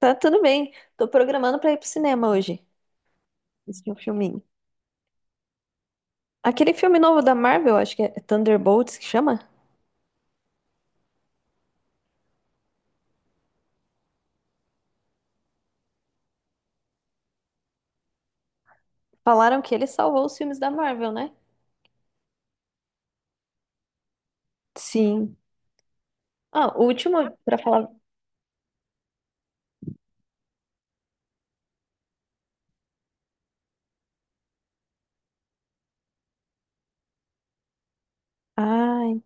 Tá tudo bem. Tô programando pra ir pro cinema hoje. Assistir um filminho. Aquele filme novo da Marvel, acho que é Thunderbolts que chama. Falaram que ele salvou os filmes da Marvel, né? Sim. Ah, o último, pra falar. Ai.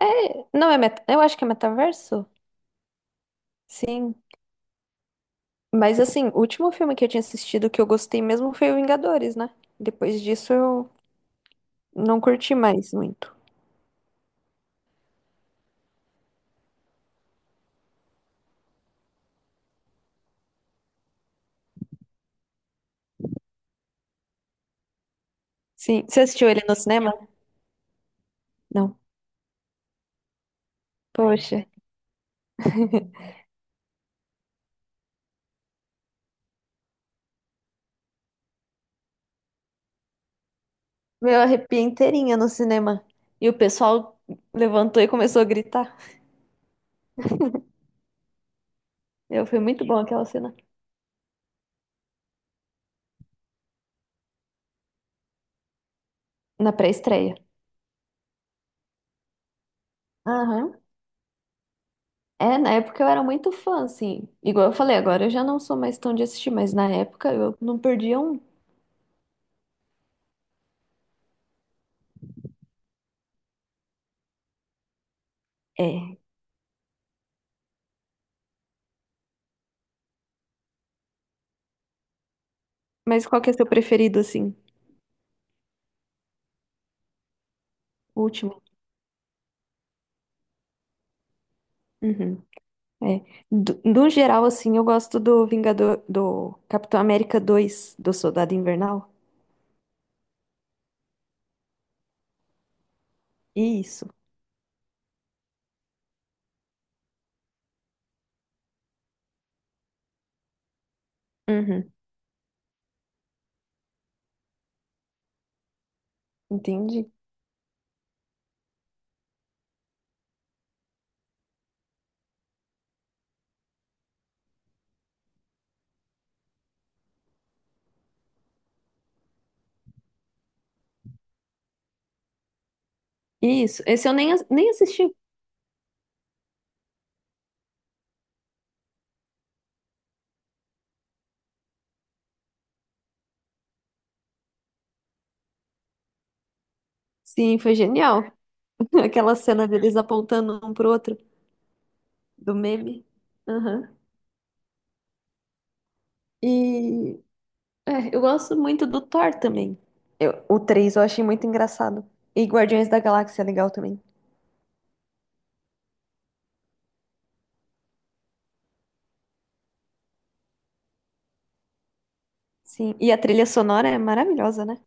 É. Não é meta. Eu acho que é metaverso? Sim. Mas assim, o último filme que eu tinha assistido que eu gostei mesmo foi o Vingadores, né? Depois disso eu não curti mais muito. Sim. Você assistiu ele no cinema? Não. Poxa. Meu, eu arrepiei inteirinha no cinema. E o pessoal levantou e começou a gritar. Meu, foi muito bom aquela cena. Na pré-estreia. Aham. É, na época eu era muito fã, assim. Igual eu falei, agora eu já não sou mais tão de assistir, mas na época eu não perdia um. É. Mas qual que é seu preferido, assim? O último? Uhum. É. Do, no geral, assim, eu gosto do Vingador, do Capitão América 2 do Soldado Invernal. Isso. Uhum. Entendi. Isso. Esse eu nem, as- nem assisti. Sim, foi genial. Aquela cena deles apontando um pro outro, do meme. Aham. E é, eu gosto muito do Thor também. Eu- o 3 eu achei muito engraçado. E Guardiões da Galáxia é legal também. Sim, e a trilha sonora é maravilhosa, né?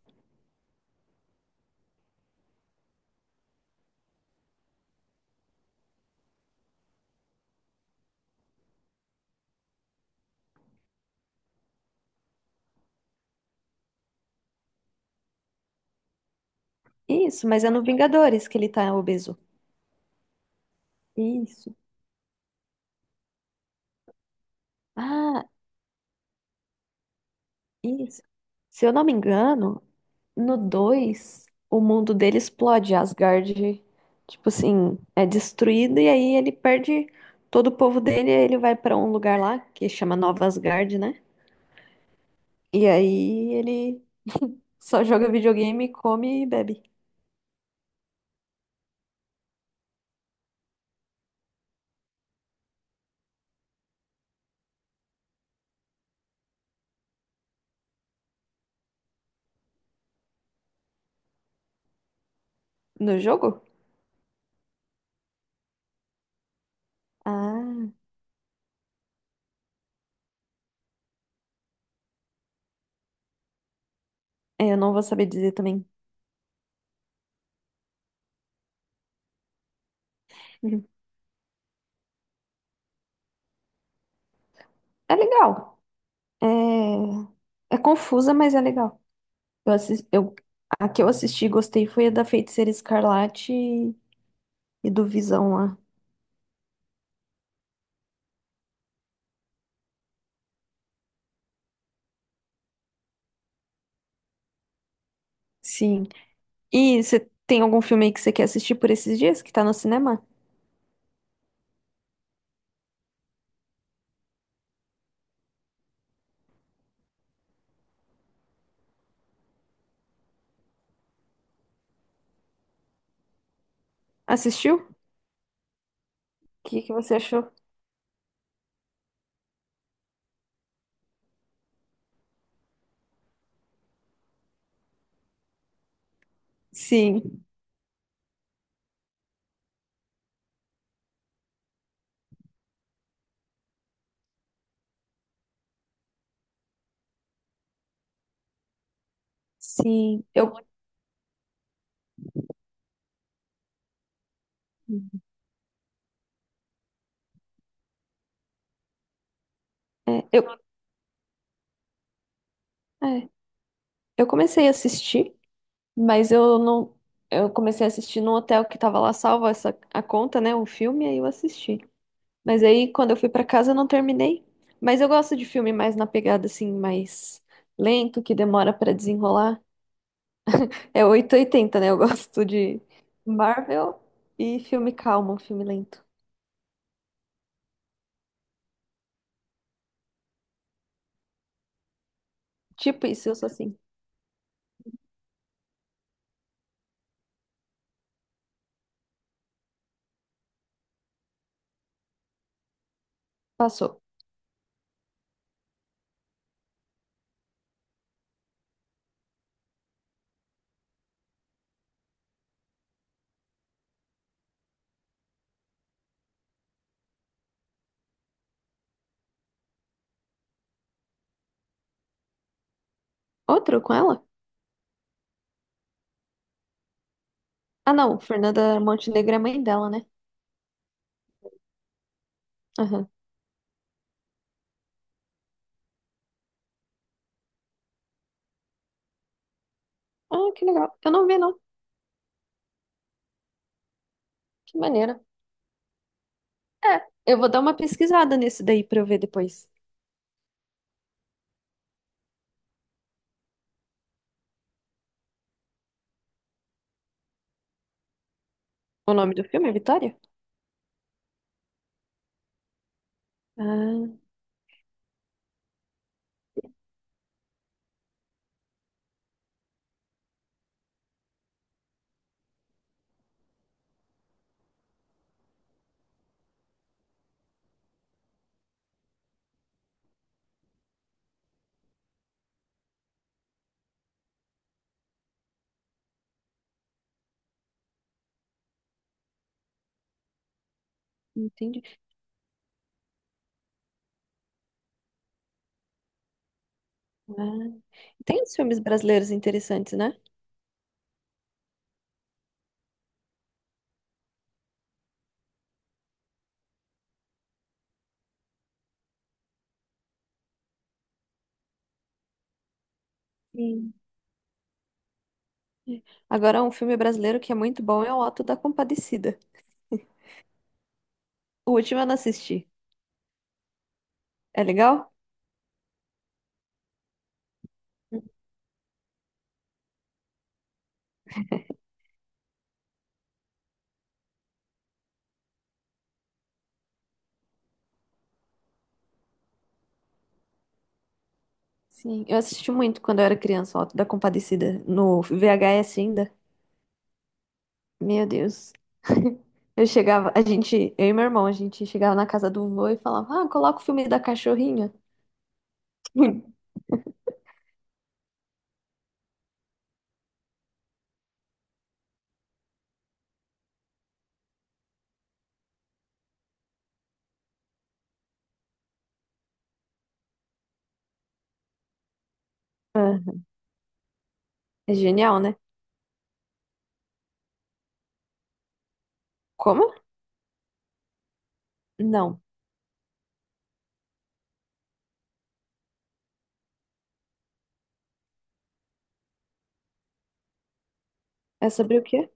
Isso, mas é no Vingadores que ele tá obeso. Isso. Ah, isso. Se eu não me engano, no 2, o mundo dele explode, Asgard, tipo assim, é destruído e aí ele perde todo o povo dele, e aí ele vai pra um lugar lá que chama Nova Asgard, né? E aí ele só joga videogame, come e bebe. No jogo? Ah, é, eu não vou saber dizer também. Uhum. É legal. É, é confusa, mas é legal. Eu assis- eu... A que eu assisti e gostei foi a da Feiticeira Escarlate e do Visão lá. Sim. E você tem algum filme aí que você quer assistir por esses dias que tá no cinema? Assistiu? O que que você achou? Sim, sim. É, eu, é, eu comecei a assistir, mas eu não. Eu comecei a assistir no hotel que tava lá salvo essa, a conta, né? O filme, aí eu assisti. Mas aí quando eu fui pra casa eu não terminei. Mas eu gosto de filme mais na pegada assim, mais lento, que demora pra desenrolar. É 880, né? Eu gosto de Marvel e filme calmo, filme lento. Tipo isso, eu sou assim. Passou. Outro com ela? Ah, não. Fernanda Montenegro é mãe dela, né? Aham. Ah, que legal. Eu não vi, não. Que maneira. É, eu vou dar uma pesquisada nesse daí pra eu ver depois. O nome do filme é Vitória? Ah, entendi. Ah. Tem uns filmes brasileiros interessantes, né? Sim. Agora, um filme brasileiro que é muito bom é O Auto da Compadecida. O último eu não assisti. É legal? Sim, eu assisti muito quando eu era criança, O Auto da Compadecida, no VHS ainda. Meu Deus. Eu chegava, a gente, eu e meu irmão, a gente chegava na casa do vô e falava: Ah, coloca o filme da cachorrinha. Ah, é genial, né? Como? Não. É sobre o quê?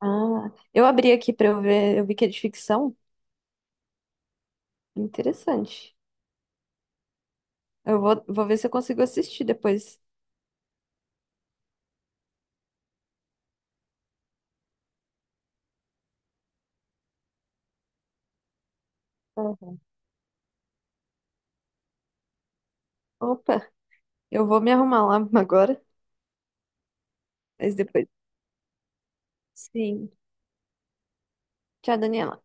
Ah, eu abri aqui pra eu ver, eu vi que é de ficção. Interessante. Vou ver se eu consigo assistir depois. Uhum. Opa, eu vou me arrumar lá agora, mas depois. Sim. Tchau, Daniela.